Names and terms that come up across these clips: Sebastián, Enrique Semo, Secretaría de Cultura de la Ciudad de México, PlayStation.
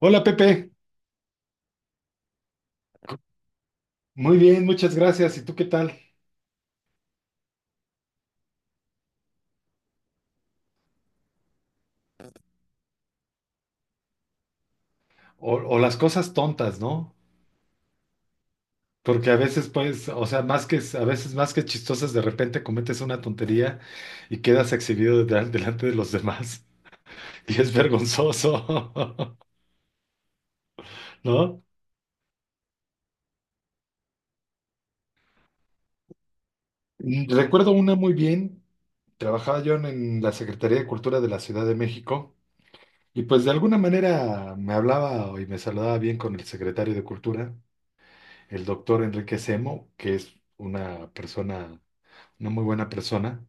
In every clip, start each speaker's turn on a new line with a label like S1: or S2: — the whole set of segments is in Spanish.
S1: Hola Pepe, muy bien, muchas gracias. ¿Y tú qué tal? O las cosas tontas, ¿no? Porque a veces, pues, o sea, más que, a veces más que chistosas, de repente cometes una tontería y quedas exhibido delante de los demás y es vergonzoso, ¿no? Y recuerdo una muy bien. Trabajaba yo en la Secretaría de Cultura de la Ciudad de México y pues de alguna manera me hablaba y me saludaba bien con el secretario de Cultura, el doctor Enrique Semo, que es una persona una muy buena persona.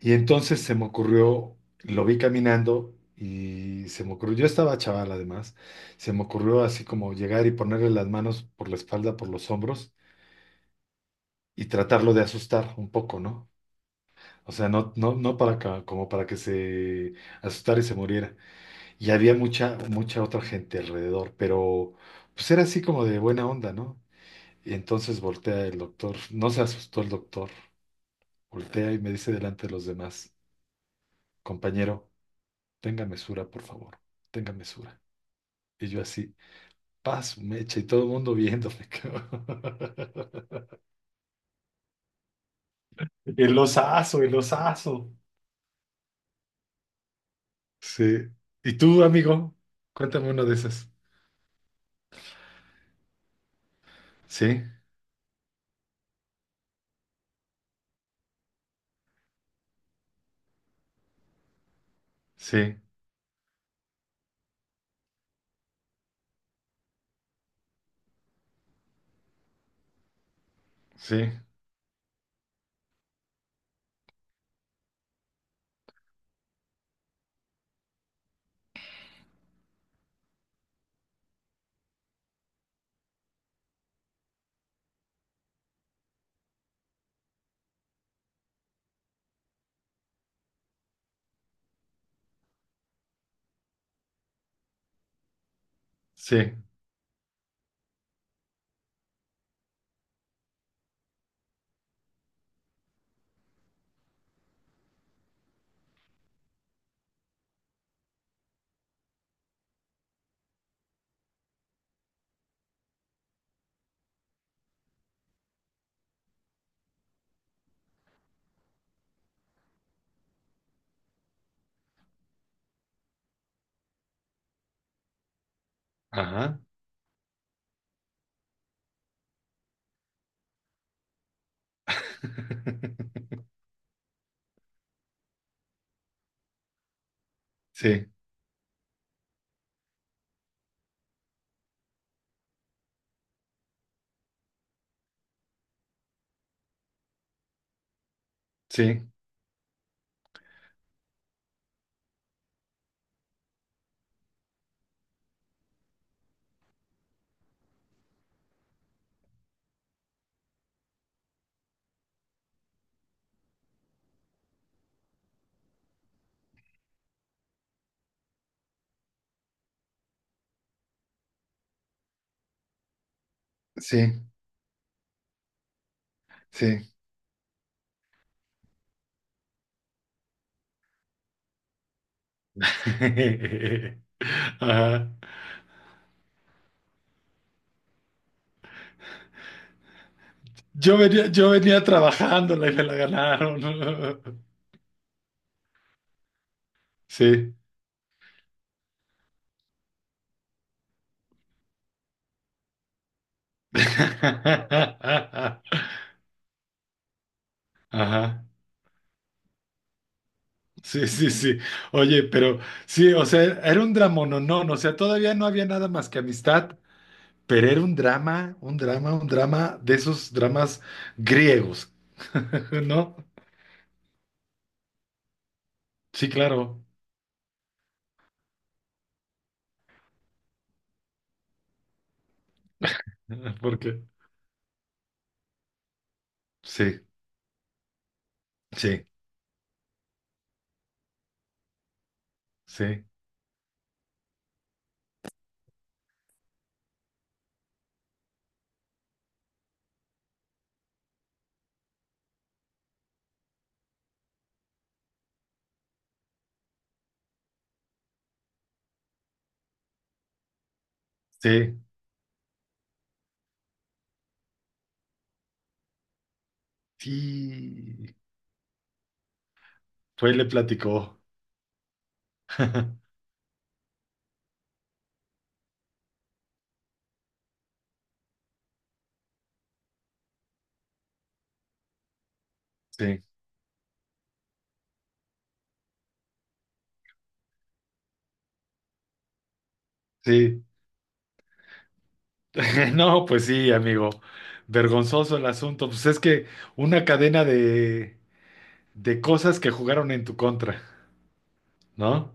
S1: Y entonces se me ocurrió, lo vi caminando y se me ocurrió, yo estaba chaval además, se me ocurrió así como llegar y ponerle las manos por la espalda, por los hombros y tratarlo de asustar un poco, ¿no? O sea, no, no, no para como para que se asustara y se muriera. Y había mucha, mucha otra gente alrededor, pero pues era así como de buena onda, ¿no? Y entonces voltea el doctor, no se asustó el doctor, voltea y me dice delante de los demás, compañero. Tenga mesura, por favor, tenga mesura. Y yo así, paz, mecha, y todo el mundo viéndome. Cabrón. El osazo, el osazo. Sí. ¿Y tú, amigo? Cuéntame uno de esos. Sí, sí, sí, sí. Ajá. Sí, sí, sí, sí. Ajá. Yo venía trabajándola y me la ganaron. Sí. Ajá. Sí, sí, sí. Oye, pero sí, o sea, era un dramononón, o sea, todavía no había nada más que amistad, pero era un drama, un drama, un drama de esos dramas griegos, ¿no? Sí, claro. Porque sí, sí, sí, sí, sí. Fue y le platicó. Sí, sí. No, pues sí, amigo. Vergonzoso el asunto. Pues es que una cadena de cosas que jugaron en tu contra, ¿no?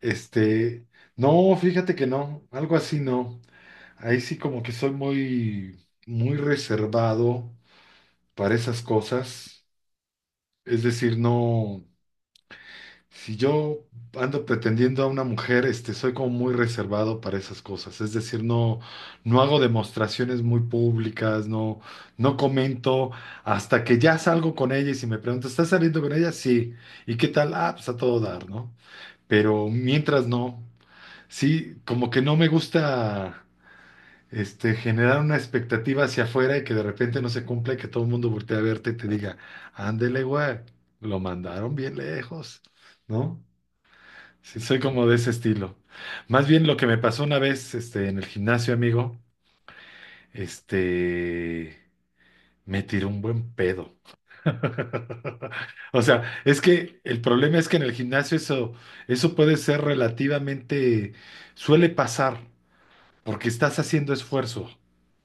S1: Este, no, fíjate que no, algo así no. Ahí sí como que soy muy, muy reservado para esas cosas. Es decir, no, si yo ando pretendiendo a una mujer, este, soy como muy reservado para esas cosas. Es decir, no, no hago demostraciones muy públicas, no, no comento hasta que ya salgo con ella y si me pregunta, ¿estás saliendo con ella? Sí. ¿Y qué tal? Ah, pues a todo dar, ¿no? Pero mientras no. Sí, como que no me gusta este, generar una expectativa hacia afuera y que de repente no se cumpla y que todo el mundo voltee a verte y te diga, ándele, güey, lo mandaron bien lejos, ¿no? Sí, soy como de ese estilo. Más bien lo que me pasó una vez este, en el gimnasio, amigo, este, me tiró un buen pedo. O sea, es que el problema es que en el gimnasio eso, eso puede ser relativamente, suele pasar. Porque estás haciendo esfuerzo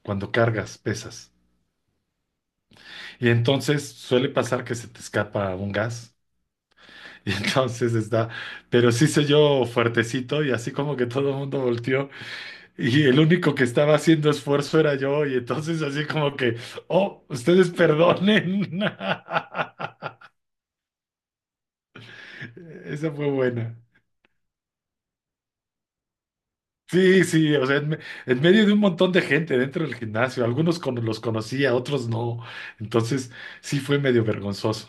S1: cuando cargas, pesas. Y entonces suele pasar que se te escapa un gas. Y entonces está, pero sí se yo fuertecito y así como que todo el mundo volteó y el único que estaba haciendo esfuerzo era yo y entonces así como que, oh, ustedes perdonen. Esa fue buena. Sí, sí, o sea, en medio de un montón de gente dentro del gimnasio, algunos los conocía, otros no. Entonces sí fue medio vergonzoso.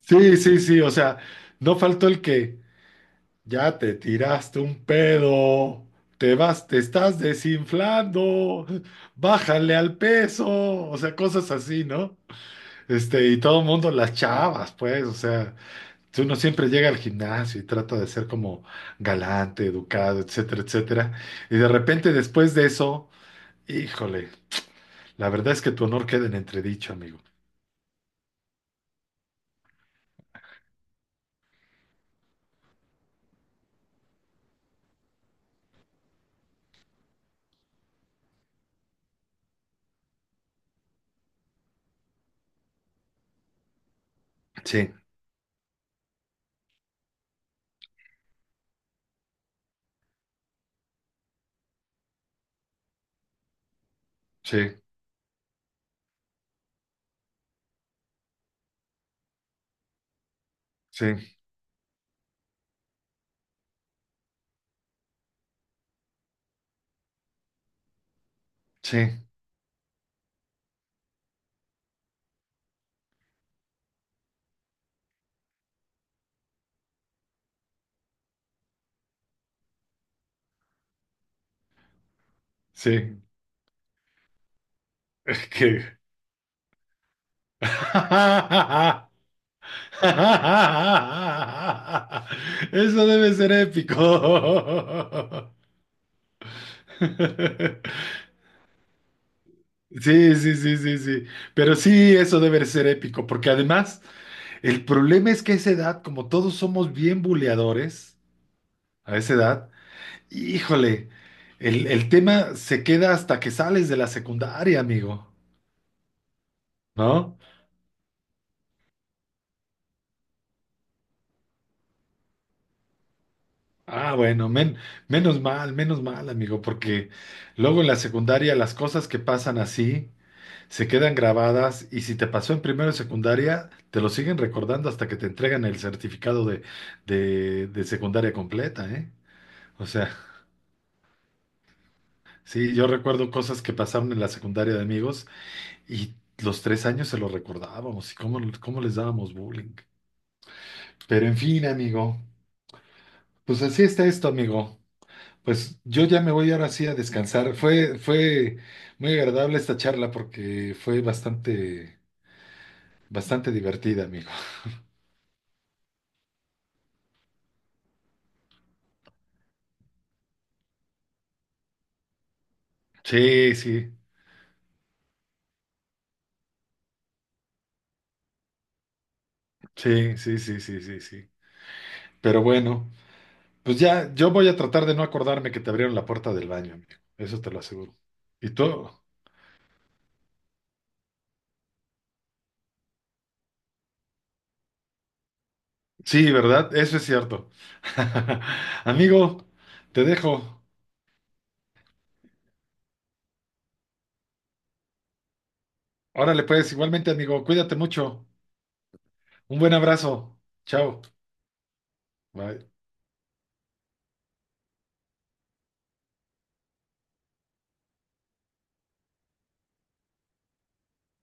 S1: Sí, sí, sí, o sea, no faltó el que ya te tiraste un pedo, te vas, te estás desinflando, bájale al peso, o sea, cosas así, ¿no? Este, y todo el mundo, las chavas, pues, o sea, si uno siempre llega al gimnasio y trata de ser como galante, educado, etcétera, etcétera, y de repente después de eso, híjole, la verdad es que tu honor queda en entredicho, amigo. Sí, sí, sí, sí, sí. Que eso debe ser épico. Sí, sí, sí, sí, sí. Pero sí, eso debe ser épico, porque además el problema es que a esa edad, como todos somos bien buleadores, a esa edad, híjole, el tema se queda hasta que sales de la secundaria, amigo, ¿no? Ah, bueno, menos mal, amigo, porque luego en la secundaria las cosas que pasan así se quedan grabadas y si te pasó en primero de secundaria, te lo siguen recordando hasta que te entregan el certificado de secundaria completa, ¿eh? O sea, sí, yo recuerdo cosas que pasaron en la secundaria de amigos y los tres años se lo recordábamos y cómo, cómo les dábamos bullying. Pero en fin, amigo, pues así está esto, amigo. Pues yo ya me voy ahora sí a descansar. Fue, fue muy agradable esta charla porque fue bastante, bastante divertida, amigo. Sí, sí, sí, sí, sí, sí, sí, sí. Pero bueno, pues ya, yo voy a tratar de no acordarme que te abrieron la puerta del baño, amigo. Eso te lo aseguro. ¿Y tú? Sí, ¿verdad? Eso es cierto. Amigo, te dejo. Órale, pues, igualmente, amigo, cuídate mucho. Un buen abrazo. Chao. Bye.